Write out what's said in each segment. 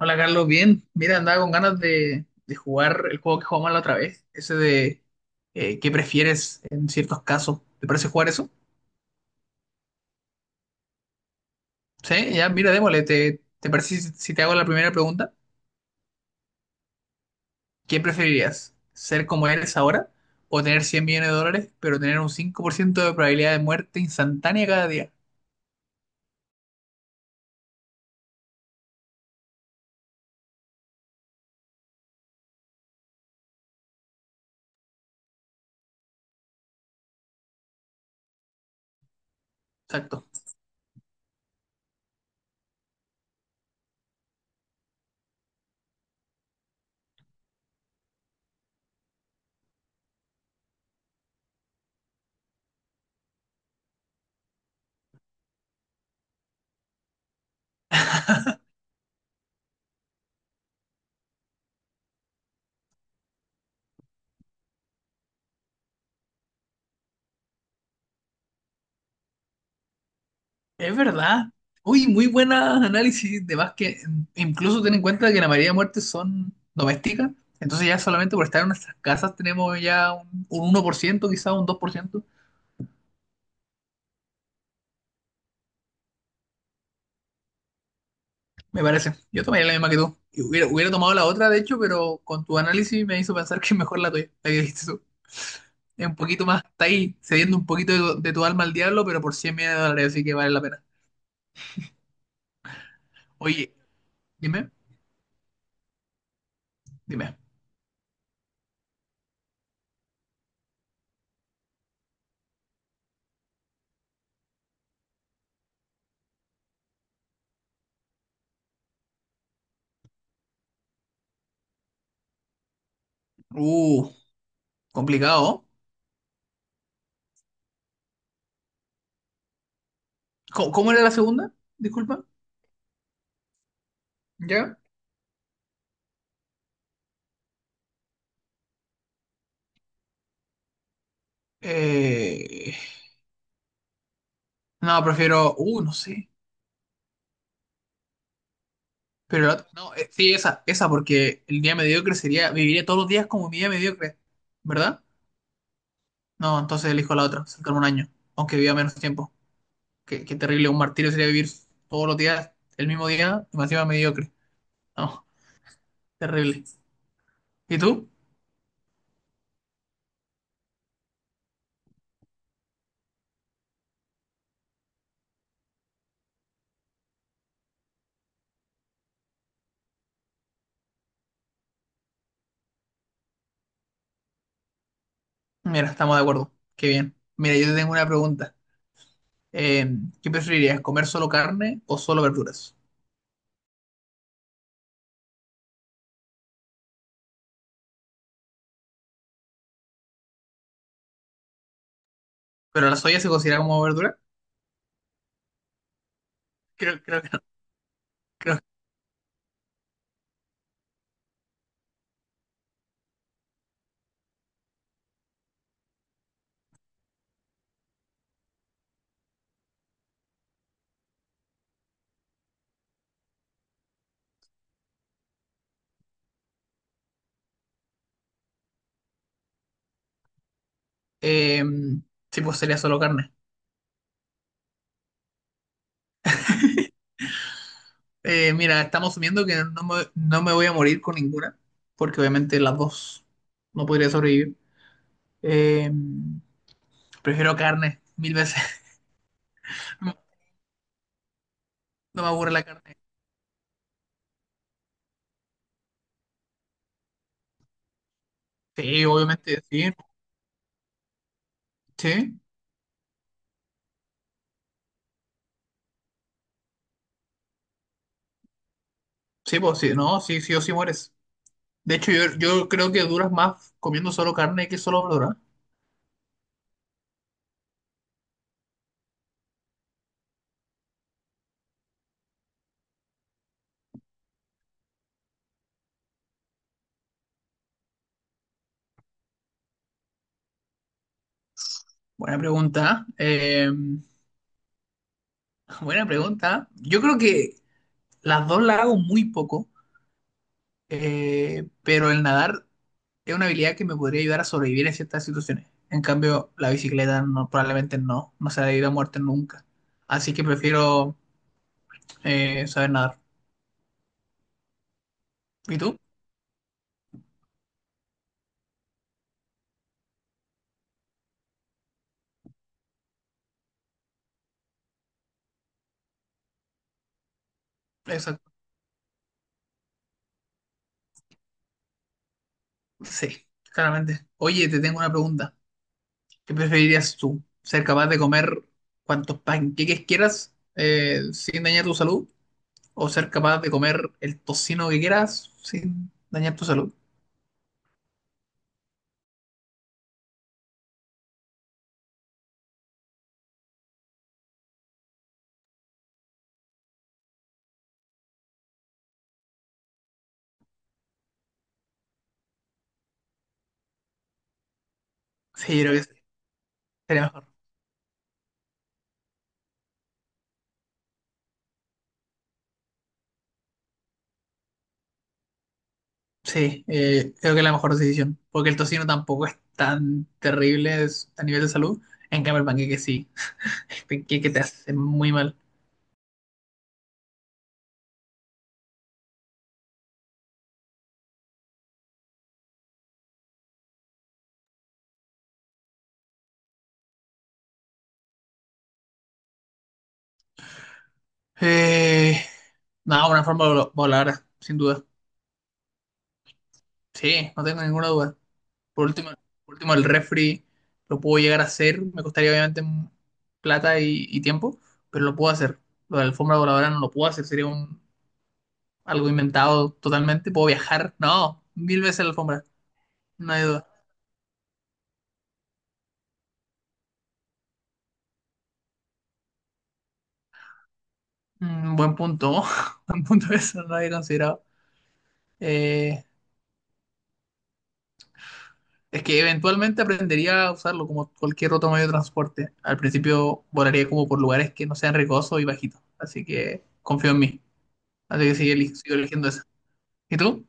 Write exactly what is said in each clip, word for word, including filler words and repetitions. Hola Carlos, bien. Mira, andaba con ganas de, de jugar el juego que jugamos la otra vez, ese de eh, qué prefieres en ciertos casos. ¿Te parece jugar eso? Sí, ya, mira, démosle. ¿Te, te parece si, si te hago la primera pregunta? ¿Qué preferirías? ¿Ser como eres ahora o tener cien millones de dólares, pero tener un cinco por ciento de probabilidad de muerte instantánea cada día? Exacto. Es verdad. Uy, muy buenas análisis de básquet. Incluso ten en cuenta que la mayoría de muertes son domésticas. Entonces ya solamente por estar en nuestras casas tenemos ya un, un uno por ciento, quizás un dos por ciento. Me parece. Yo tomaría la misma que tú. Y hubiera, hubiera tomado la otra, de hecho, pero con tu análisis me hizo pensar que es mejor la tuya, la que dijiste tú. Es un poquito más, está ahí cediendo un poquito de, tu de tu alma al diablo, pero por cien millones de dólares, así que vale la pena. Oye, dime, dime. Uh, Complicado. ¿Cómo, cómo era la segunda? Disculpa. ¿Ya? Eh, no, prefiero. Uh, no sé. Pero la- no, eh, sí, esa, esa, porque el día mediocre sería. Viviría todos los días como mi día mediocre, ¿verdad? No, entonces elijo la otra, saltarme un año, aunque viva menos tiempo. Qué, qué terrible, un martirio sería vivir todos los días el mismo día y más encima mediocre. No, terrible. ¿Y tú? Mira, estamos de acuerdo. Qué bien. Mira, yo te tengo una pregunta. Eh, ¿Qué preferirías, comer solo carne o solo verduras? ¿Pero la soya se considera como verdura? Creo, creo que no. Eh, sí, pues sería solo carne. Eh, mira, estamos asumiendo que no me, no me voy a morir con ninguna, porque obviamente las dos no podría sobrevivir. Eh, prefiero carne, mil veces. No, no me aburre la carne. Sí, obviamente, sí, sí, sí, pues sí, no, sí, sí o sí mueres. De hecho, yo, yo creo que duras más comiendo solo carne que solo verdura. Buena pregunta. Eh, buena pregunta. Yo creo que las dos las hago muy poco. eh, pero el nadar es una habilidad que me podría ayudar a sobrevivir en ciertas situaciones. En cambio, la bicicleta no, probablemente no, no se ha debido a muerte nunca. Así que prefiero eh, saber nadar. ¿Y tú? Exacto. Sí, claramente. Oye, te tengo una pregunta. ¿Qué preferirías tú? ¿Ser capaz de comer cuantos panqueques quieras eh, sin dañar tu salud? ¿O ser capaz de comer el tocino que quieras sin dañar tu salud? Sí, yo creo que sí. Sería mejor. Sí, eh, creo que es la mejor decisión, porque el tocino tampoco es tan terrible es- a nivel de salud. En cambio, el panqueque sí, el panqueque te hace muy mal. Eh, no, una forma vol- voladora, sin duda. Sí, no tengo ninguna duda. Por último, por último, el refri lo puedo llegar a hacer, me costaría obviamente mm, plata y, y tiempo, pero lo puedo hacer. Lo de la alfombra voladora no lo puedo hacer, sería un, algo inventado totalmente. Puedo viajar, no, mil veces la alfombra, no hay duda. Mm, buen punto, buen punto eso, no lo había considerado. Eh, es que eventualmente aprendería a usarlo como cualquier otro medio de transporte. Al principio volaría como por lugares que no sean riesgosos y bajitos, así que confío en mí. Así que sigue eli- sigo eligiendo esa. ¿Y tú?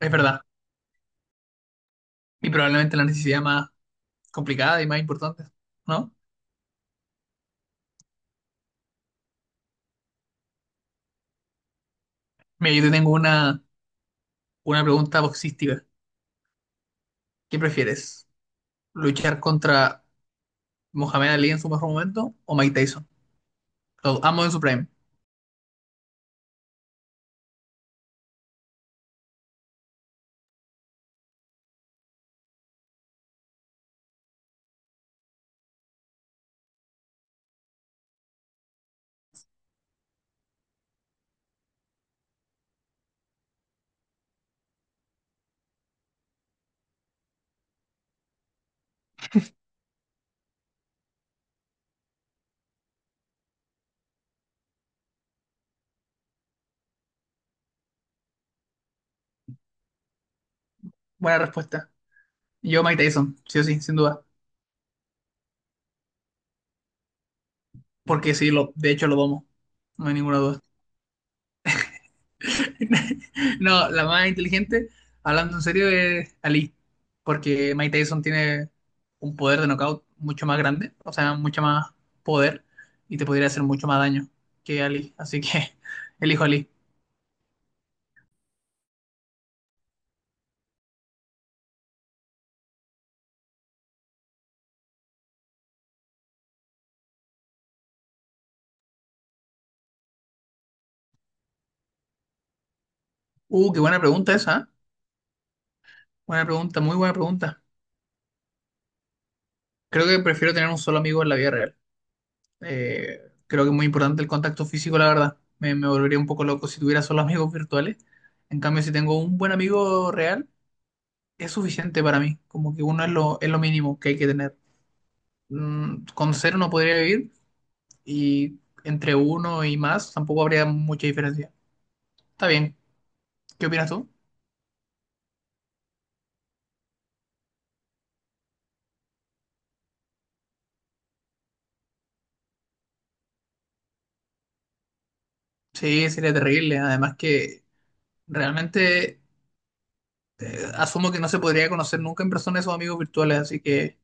Es verdad. Y probablemente la necesidad más complicada y más importante, ¿no? Mira, yo te tengo una, una pregunta boxística. ¿Qué prefieres? ¿Luchar contra Mohamed Ali en su mejor momento o Mike Tyson? Los amo en su prime. Buena respuesta. Yo Mike Tyson, sí o sí, sin duda. Porque sí, lo, de hecho lo domo. No hay ninguna duda. No, la más inteligente, hablando en serio, es Ali. Porque Mike Tyson tiene un poder de knockout mucho más grande, o sea, mucho más poder y te podría hacer mucho más daño que Ali. Así que elijo Ali. Uh, qué buena pregunta esa, ¿eh? Buena pregunta, muy buena pregunta. Creo que prefiero tener un solo amigo en la vida real. Eh, creo que es muy importante el contacto físico, la verdad. Me, me volvería un poco loco si tuviera solo amigos virtuales. En cambio, si tengo un buen amigo real, es suficiente para mí. Como que uno es lo, es lo mínimo que hay que tener. Mm, con cero no podría vivir y entre uno y más tampoco habría mucha diferencia. Está bien. ¿Qué opinas tú? Sí, sería terrible. Además que realmente eh, asumo que no se podría conocer nunca en persona esos amigos virtuales, así que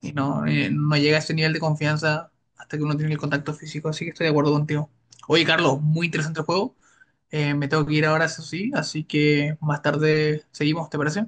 y no, eh, no llega a ese nivel de confianza hasta que uno tiene el contacto físico, así que estoy de acuerdo contigo. Oye, Carlos, muy interesante el juego. Eh, me tengo que ir ahora, eso sí, así que más tarde seguimos, ¿te parece?